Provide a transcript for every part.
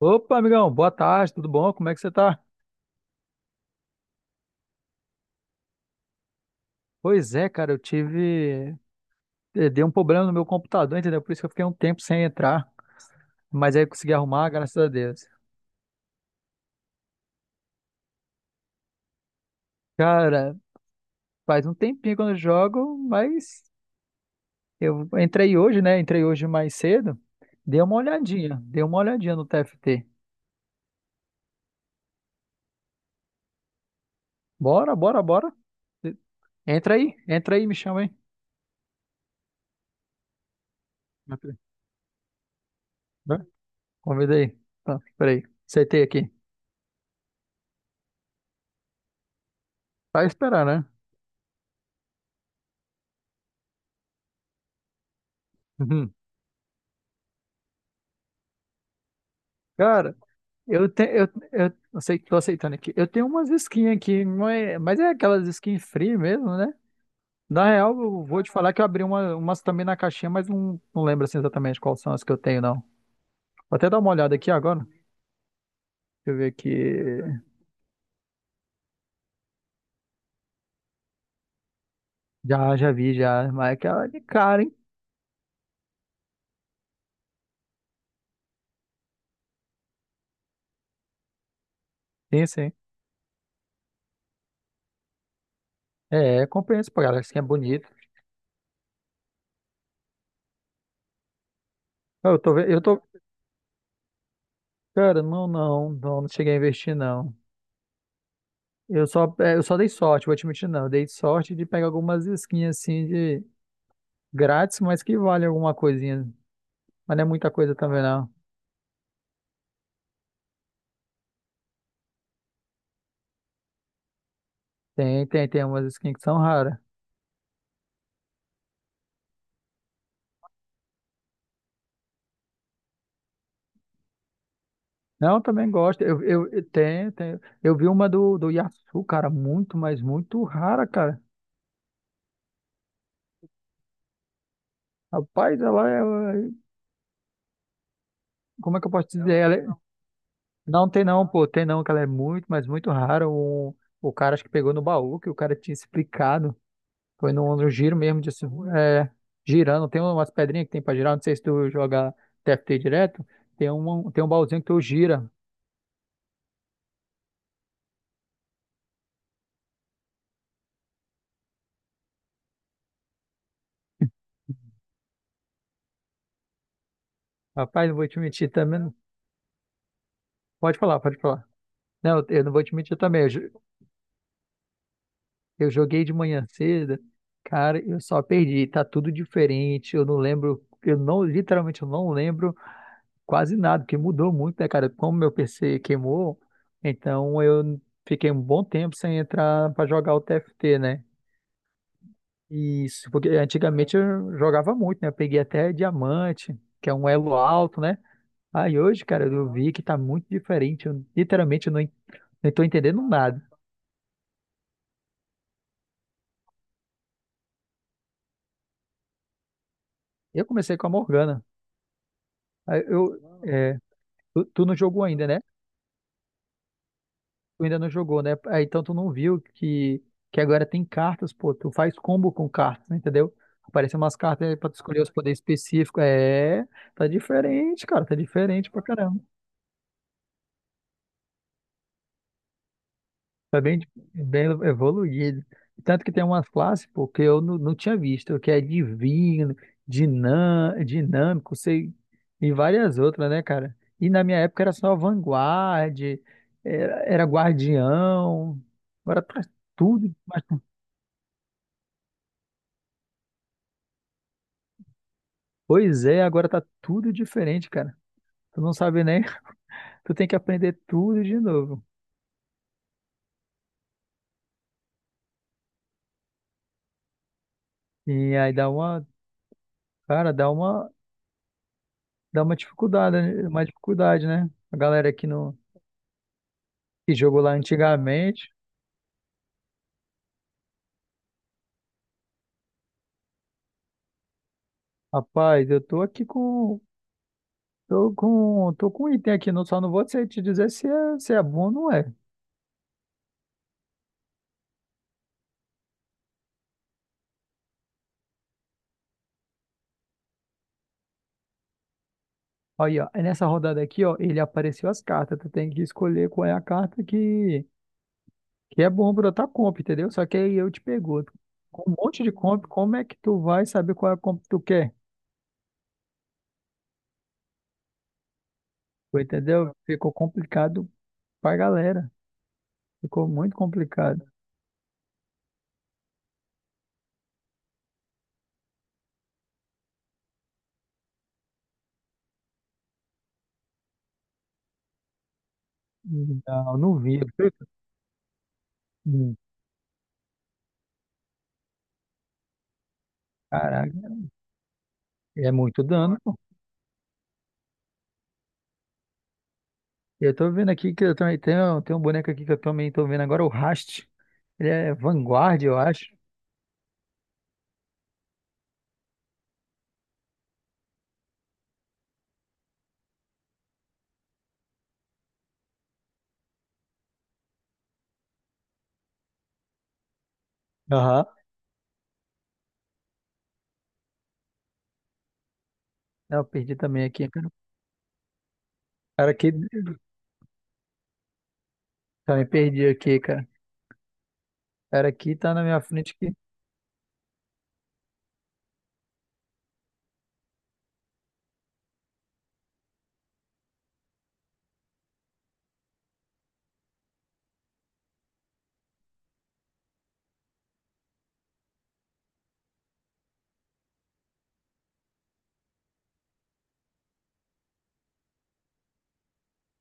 Opa, amigão, boa tarde, tudo bom? Como é que você tá? Pois é, cara, eu tive. Deu um problema no meu computador, entendeu? Por isso que eu fiquei um tempo sem entrar. Mas aí eu consegui arrumar, graças a Deus. Cara, faz um tempinho que eu não jogo, mas eu entrei hoje, né? Entrei hoje mais cedo. Dei uma olhadinha no TFT. Bora, bora, bora. Entra aí, me chama aí. Entra aí. Vai. Convida aí. Tá, peraí. Aceitei aqui. Vai esperar, né? Uhum. Cara. Eu, te, eu sei que tô aceitando aqui. Eu tenho umas skins aqui, não é- mas é aquelas skins free mesmo, né? Na real, eu vou te falar que eu abri umas também na caixinha, mas não, não lembro assim, exatamente quais são as que eu tenho, não. Vou até dar uma olhada aqui agora. Deixa eu ver aqui. Já, já vi, já. Mas é aquela de cara, hein? Sim, sim. Compensa, pô, galera. Skin é bonito. Eu tô. Cara, não, não, não, não cheguei a investir, não. Eu só dei sorte, vou admitir, não. Eu dei sorte de pegar algumas skins assim de. Grátis, mas que vale alguma coisinha. Mas não é muita coisa também, não. Tem umas skins que são raras. Não, eu também gosto. Tem. Eu vi uma do Yasu, cara, muito, mas muito rara, cara. Rapaz, ela é. Como é que eu posso dizer? Não tem não, pô. Tem não, que ela é muito, mas muito rara. O cara acho que pegou no baú, que o cara tinha explicado. Foi no giro mesmo, de, se- é, girando. Tem umas pedrinhas que tem pra girar. Não sei se tu joga TFT direto. Tem um baúzinho que tu gira. Rapaz, não vou te mentir também. Pode falar, pode falar. Não, eu não vou te mentir também. Eu joguei de manhã cedo, cara, eu só perdi. Tá tudo diferente. Eu não lembro, eu não, literalmente, eu não lembro quase nada, porque mudou muito, né, cara? Como meu PC queimou, então eu fiquei um bom tempo sem entrar pra jogar o TFT, né? Isso, porque antigamente eu jogava muito, né? Eu peguei até diamante, que é um elo alto, né? Aí hoje, cara, eu vi que tá muito diferente. Eu literalmente, eu não, en- não tô entendendo nada. Eu comecei com a Morgana. Aí eu, é, tu, tu não jogou ainda, né? Tu ainda não jogou, né? Aí, então tu não viu que, agora tem cartas, pô. Tu faz combo com cartas, né, entendeu? Aparecem umas cartas aí pra tu escolher os poderes específicos. É, tá diferente, cara. Tá diferente pra caramba. Foi bem, bem evoluído. Tanto que tem umas classes, pô, que eu não, não tinha visto, que é divino, dinâmico, sei, e várias outras, né, cara? E na minha época era só vanguarda, era guardião, agora tá tudo, mas, pois é, agora tá tudo diferente, cara. Tu não sabe nem, tu tem que aprender tudo de novo. E aí cara, dá uma dificuldade, né? Uma dificuldade, né? A galera que não que jogou lá antigamente. Rapaz, eu tô aqui com. Tô com um item aqui, não, só não vou te dizer se é bom ou não é. Aí, ó, é nessa rodada aqui, ó, ele apareceu as cartas. Tu tem que escolher qual é a carta que é bom pra tua comp, entendeu? Só que aí eu te pergunto, com um monte de comp, como é que tu vai saber qual é a comp que tu quer? Tu entendeu? Ficou complicado pra galera. Ficou muito complicado. Não, não vi. Hum. Caraca, é muito dano. E eu tô vendo aqui que eu também tem um boneco aqui que eu também tô vendo agora, o Rast. Ele é Vanguard, eu acho. Aham. Ah, eu perdi também aqui, cara. Cara, aqui, também perdi aqui, cara. Cara, aqui tá na minha frente aqui.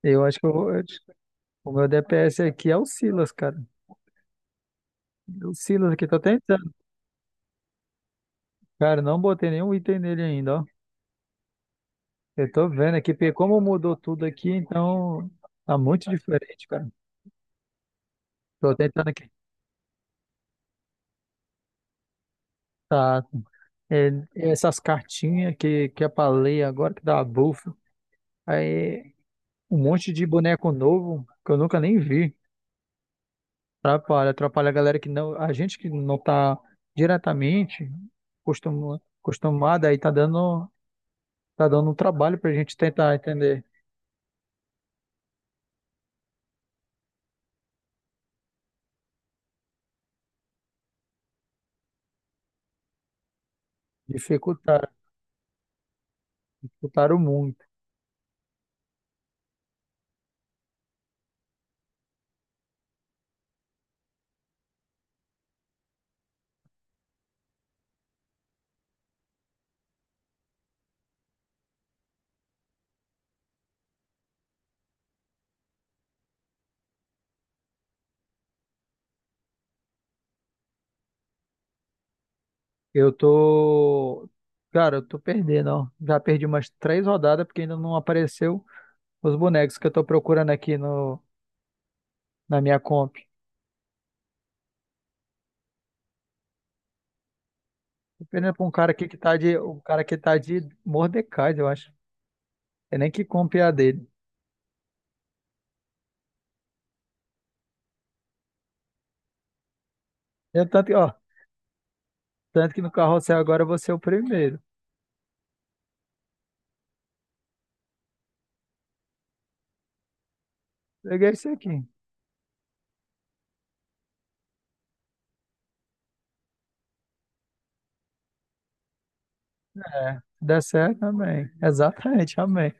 Eu acho que o meu DPS aqui é o Silas, cara. É o Silas aqui, tô tentando. Cara, não botei nenhum item nele ainda, ó. Eu tô vendo aqui, porque como mudou tudo aqui, então tá muito diferente, cara. Tô tentando aqui. Tá. É, essas cartinhas que eu falei agora, que dá a bufa. Aí, um monte de boneco novo que eu nunca nem vi. Atrapalha, atrapalha a galera que não. A gente que não tá diretamente acostumada aí tá dando um trabalho pra gente tentar entender. Dificultar, dificultaram muito. Eu tô. Cara, eu tô perdendo, ó. Já perdi umas três rodadas porque ainda não apareceu os bonecos que eu tô procurando aqui no, na minha comp. Pena pra um cara aqui que tá de Mordecai, eu acho. É nem que compre a dele. Eu tanto, que, ó, tanto que no carrossel agora eu vou ser o primeiro. Peguei esse aqui. É, se der certo, amém. Exatamente, amém.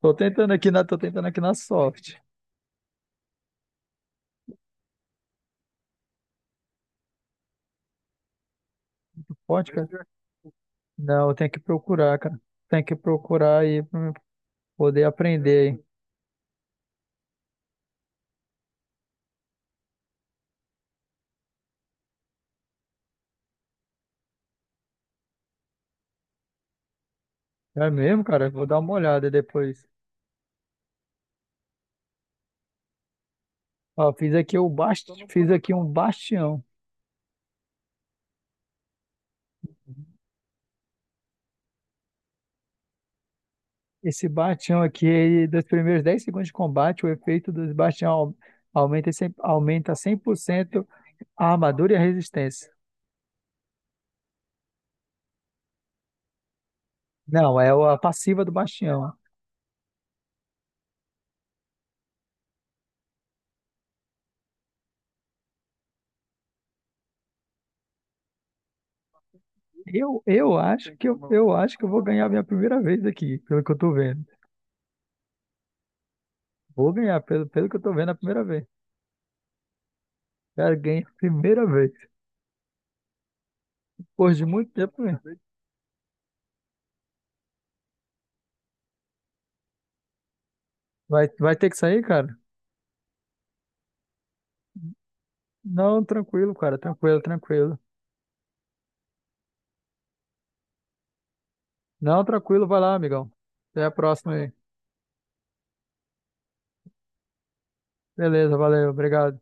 Tô tentando aqui na sorte. Pode, cara? Não, eu tenho que procurar, cara. Tem que procurar aí pra eu poder aprender, hein? É mesmo, cara? Vou dar uma olhada depois. Ó, fiz aqui um bastião. Esse Bastião aqui, ele, dos primeiros 10 segundos de combate, o efeito do Bastião aumenta, em 100% a armadura e a resistência. Não, é a passiva do Bastião. Eu acho que eu vou ganhar a minha primeira vez aqui, pelo que eu tô vendo. Vou ganhar, pelo que eu tô vendo, a primeira vez. Cara, ganhei a primeira vez. Depois de muito tempo, né? Vai ter que sair, cara? Não, tranquilo, cara, tranquilo, tranquilo. Não, tranquilo, vai lá, amigão. Até a próxima aí. Beleza, valeu, obrigado.